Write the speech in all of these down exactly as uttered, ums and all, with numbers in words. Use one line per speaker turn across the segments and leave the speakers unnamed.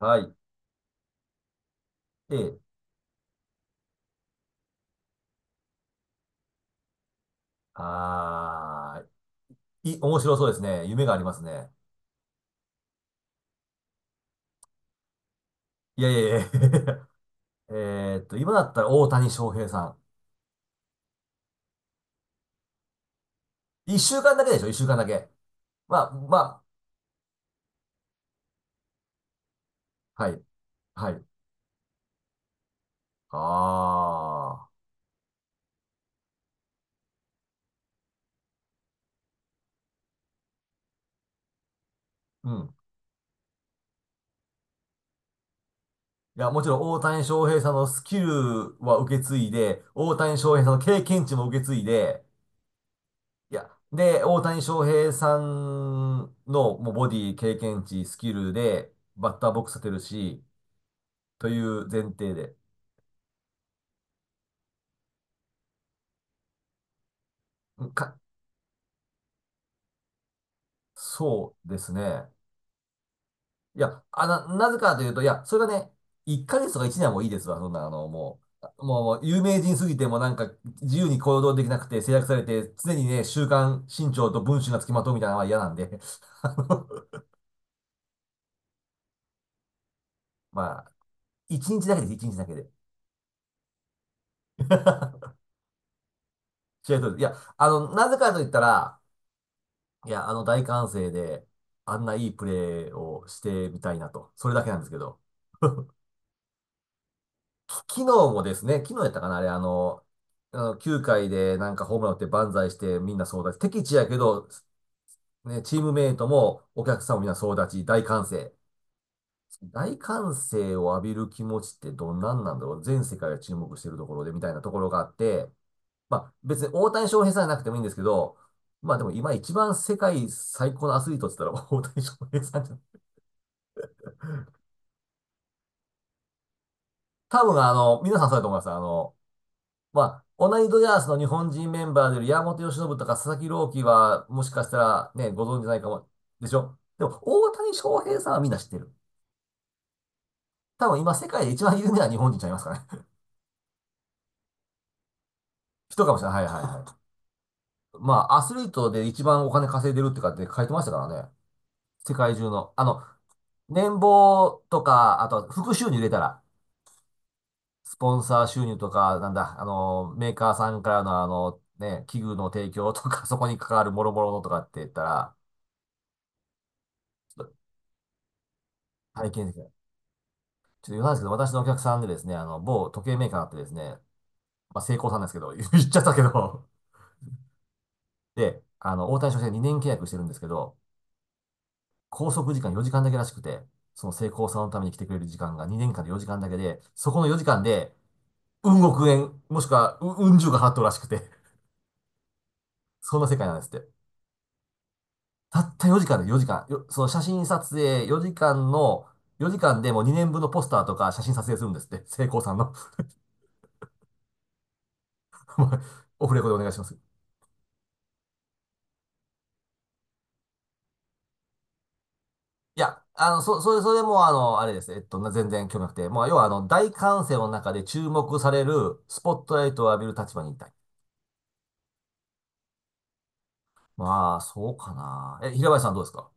はい。で、あー、い、面白そうですね。夢がありますね。いやいやいや えーっと、今だったら大谷翔平さん。一週間だけでしょ、一週間だけ。まあ、まあ、はい。はい。あー。うん。いや、もちろん大谷翔平さんのスキルは受け継いで、大谷翔平さんの経験値も受け継いで、いや、で、大谷翔平さんのもうボディ、経験値、スキルで、バッターボックス立てるし、という前提で。か、そうですね。いや、あ、な、なぜかというと、いや、それがね、いっかげつとかいちねんはもういいですわ。そんな、あの、もう、もう、もう有名人すぎて、もうなんか自由に行動できなくて制約されて、常にね、週刊新潮と文春が付きまとうみたいなのは嫌なんで、あのまあ、いちにちだけです、日だけで。試合そうです。いや、あの、なぜかと言ったら、いや、あの、大歓声で、あんないいプレーをしてみたいなと、それだけなんですけど。昨日もですね、昨日やったかな、あれ、あの、あのきゅうかいでなんかホームラン打って万歳してみんな総立ち。敵地やけど、ね、チームメイトもお客さんもみんな総立ち、大歓声。大歓声を浴びる気持ちってどんなんなんだろう、全世界が注目してるところでみたいなところがあって、まあ別に大谷翔平さんじゃなくてもいいんですけど、まあでも今一番世界最高のアスリートって言ったら大谷翔平さんじゃん。多分あの、皆さんそうだと思います。あの、まあ、同じドジャースの日本人メンバーでいる山本由伸とか佐々木朗希は、もしかしたらね、ご存知ないかも、でしょ。でも、大谷翔平さんはみんな知ってる。多分今世界で一番有名な日本人ちゃいますかね。人かもしれない。はいはいはい。まあ、アスリートで一番お金稼いでるってかって書いてましたからね。世界中の。あの、年俸とか、あと、副収入入れたら、スポンサー収入とか、なんだ、あの、メーカーさんからのあの、ね、器具の提供とか、そこに関わる諸々のとかって言ったら、体験的な。ちょっと余談ですけど、私のお客さんでですね、あの、某時計メーカーあってですね、まあ、成功さんですけど、言っちゃったけど、で、あの、大谷翔平にねん契約してるんですけど、拘束時間よじかんだけらしくて、その成功さんのために来てくれる時間がにねんかんでよじかんだけで、そこのよじかんで、うん億円、もしくは、う、うん十が払っとるらしくて、そんな世界なんですって。たったよじかんでよじかん、よその写真撮影よじかんの、よじかんでもうにねんぶんのポスターとか写真撮影するんですって、成功さんの。オフレコでお願いします。いや、あの、そ、それ、それも、あの、あれです。えっと、全然興味なくて。もう、要は、あの、大歓声の中で注目される、スポットライトを浴びる立場にいたい。まあ、そうかな。え、平林さんどうですか？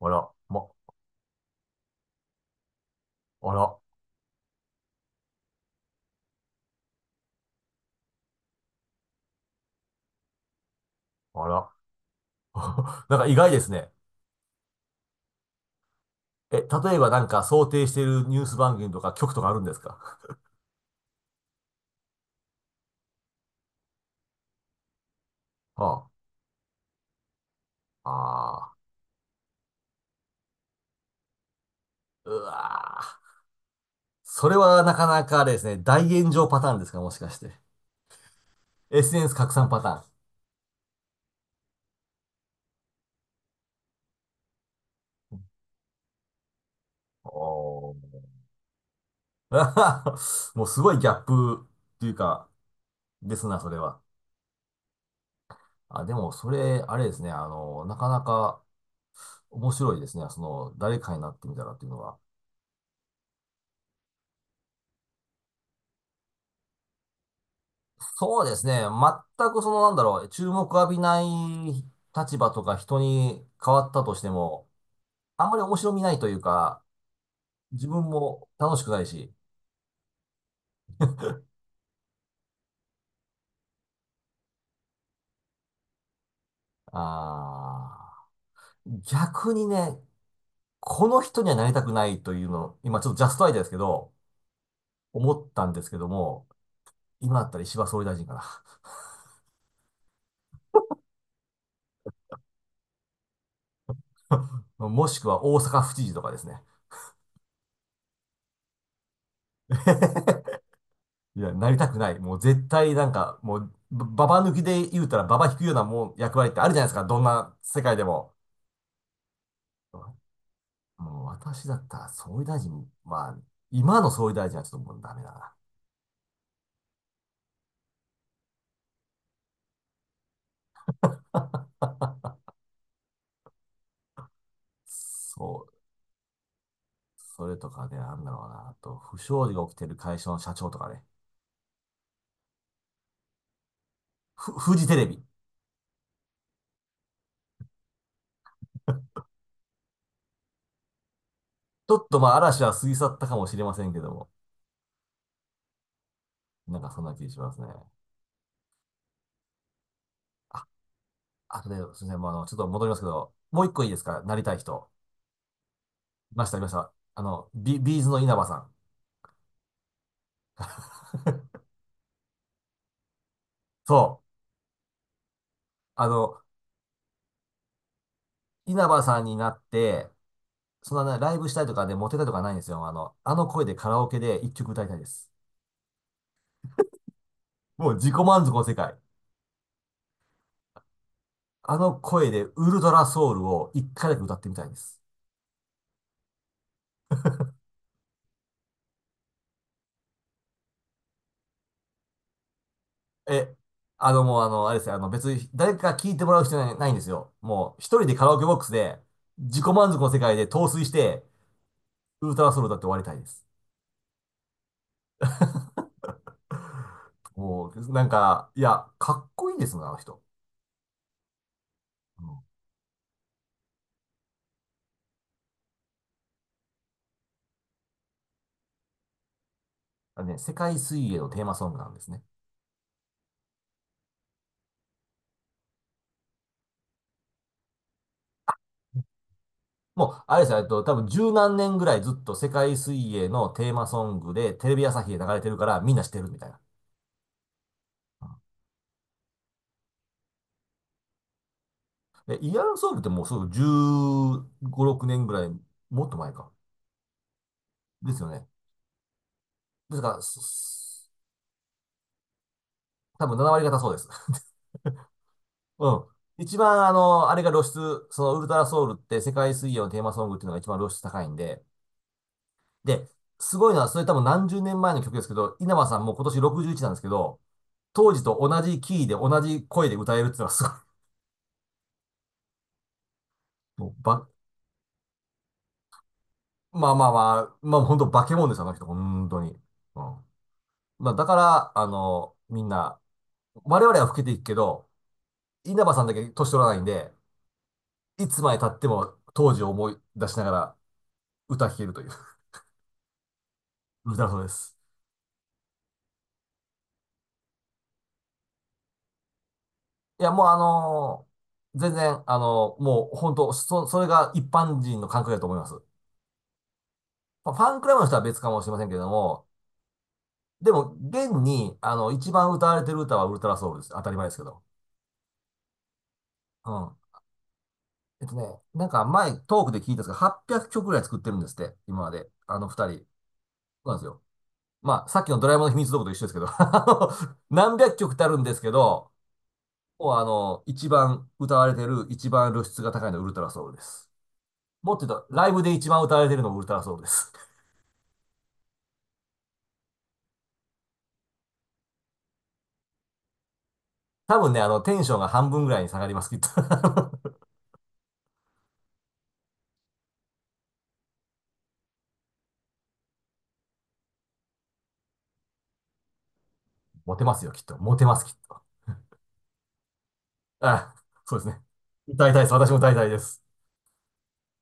あら、ま、あら、あら。なんか意外ですね。え、例えばなんか想定しているニュース番組とか局とかあるんですか？ああ、ああ、うわー、それはなかなかあれですね。大炎上パターンですか、もしかして？エスエヌエス 拡散パターン。おー もうすごいギャップっていうか、ですな、それは。あ、でも、それ、あれですね、あの、なかなか面白いですね、その、誰かになってみたらっていうのは。そうですね、全くその、なんだろう、注目浴びない立場とか人に変わったとしても、あんまり面白みないというか、自分も楽しくないし、あー、逆にね、この人にはなりたくないというの、今ちょっとジャストアイデアですけど、思ったんですけども、今だったら石破総理大臣かな。もしくは大阪府知事とかですね。いや、なりたくない。もう絶対なんか、もう、ばババ抜きで言うたらババ引くようなもう役割ってあるじゃないですか。どんな世界でも。もう私だったら総理大臣、まあ、今の総理大臣はちょっともうダメだな。そう。それとかね、なんだろうな。あと、不祥事が起きてる会社の社長とかね。ふ、フジテレビ。ちょっとまあ嵐は過ぎ去ったかもしれませんけども。なんかそんな気がしますね。あとで、すみません、もうあの、ちょっと戻りますけど、もう一個いいですか？なりたい人。いました、いました。あの、ビ、ビーズの稲葉さん。そう。あの、稲葉さんになって、そんなね、ライブしたいとかで、モテたいとかないんですよ。あの、あの声でカラオケで一曲歌いたいです。もう自己満足の世界。あの声でウルトラソウルを一回だけ歌ってみたいです。え、あのもうあの、あれですよ。あの別に誰か聞いてもらう必要ない、ないんですよ。もう一人でカラオケボックスで自己満足の世界で陶酔してウルトラソウル歌って終わりたいです。もう、なんか、いや、かっこいいですもんね、あの人。うん。あのね、世界水泳のテーマソングなんですね。もう、あれですよ、えっと、多分十何年ぐらいずっと世界水泳のテーマソングで、テレビ朝日で流れてるから、みんな知ってるみたいな。うん。で、イヤランソングってもうすぐじゅうご、ろくねんぐらい、もっと前か。ですよね。ですから、すす多分なな割方そうです。うん。一番、あの、あれが露出、そのウルトラソウルって世界水泳のテーマソングっていうのが一番露出高いんで、で、すごいのは、それ多分何十年前の曲ですけど、稲葉さんも今年ろくじゅういちなんですけど、当時と同じキーで同じ声で歌えるっていうのはすごい。もうば、まあまあまあ、まあ本当化け物ですよ、あの人、本当に。うん。まあだから、あの、みんな、我々は老けていくけど、稲葉さんだけ年取らないんで、いつまで経っても当時を思い出しながら歌聴けるという、歌そうです。いや、もうあのー全然、あのーもう本当、そ、それが一般人の感覚だと思います。まあファンクラブの人は別かもしれませんけれども、でも、現に、あの、一番歌われてる歌はウルトラソウルです。当たり前ですけど。うん。えっとね、なんか前、トークで聞いたんですが、はっぴゃっきょくぐらい作ってるんですって、今まで。あの二人。そうなんですよ。まあ、さっきのドラえもんの秘密道具と一緒ですけど、あの何百曲ってあるんですけど、もうあの、一番歌われてる、一番露出が高いのはウルトラソウルです。もっと言うと、ライブで一番歌われてるのはウルトラソウルです。多分ね、あの、テンションが半分ぐらいに下がります、きっと。モテますよ、きっと。モテます、きっと。あ、そうですね。大体です。私も大体です。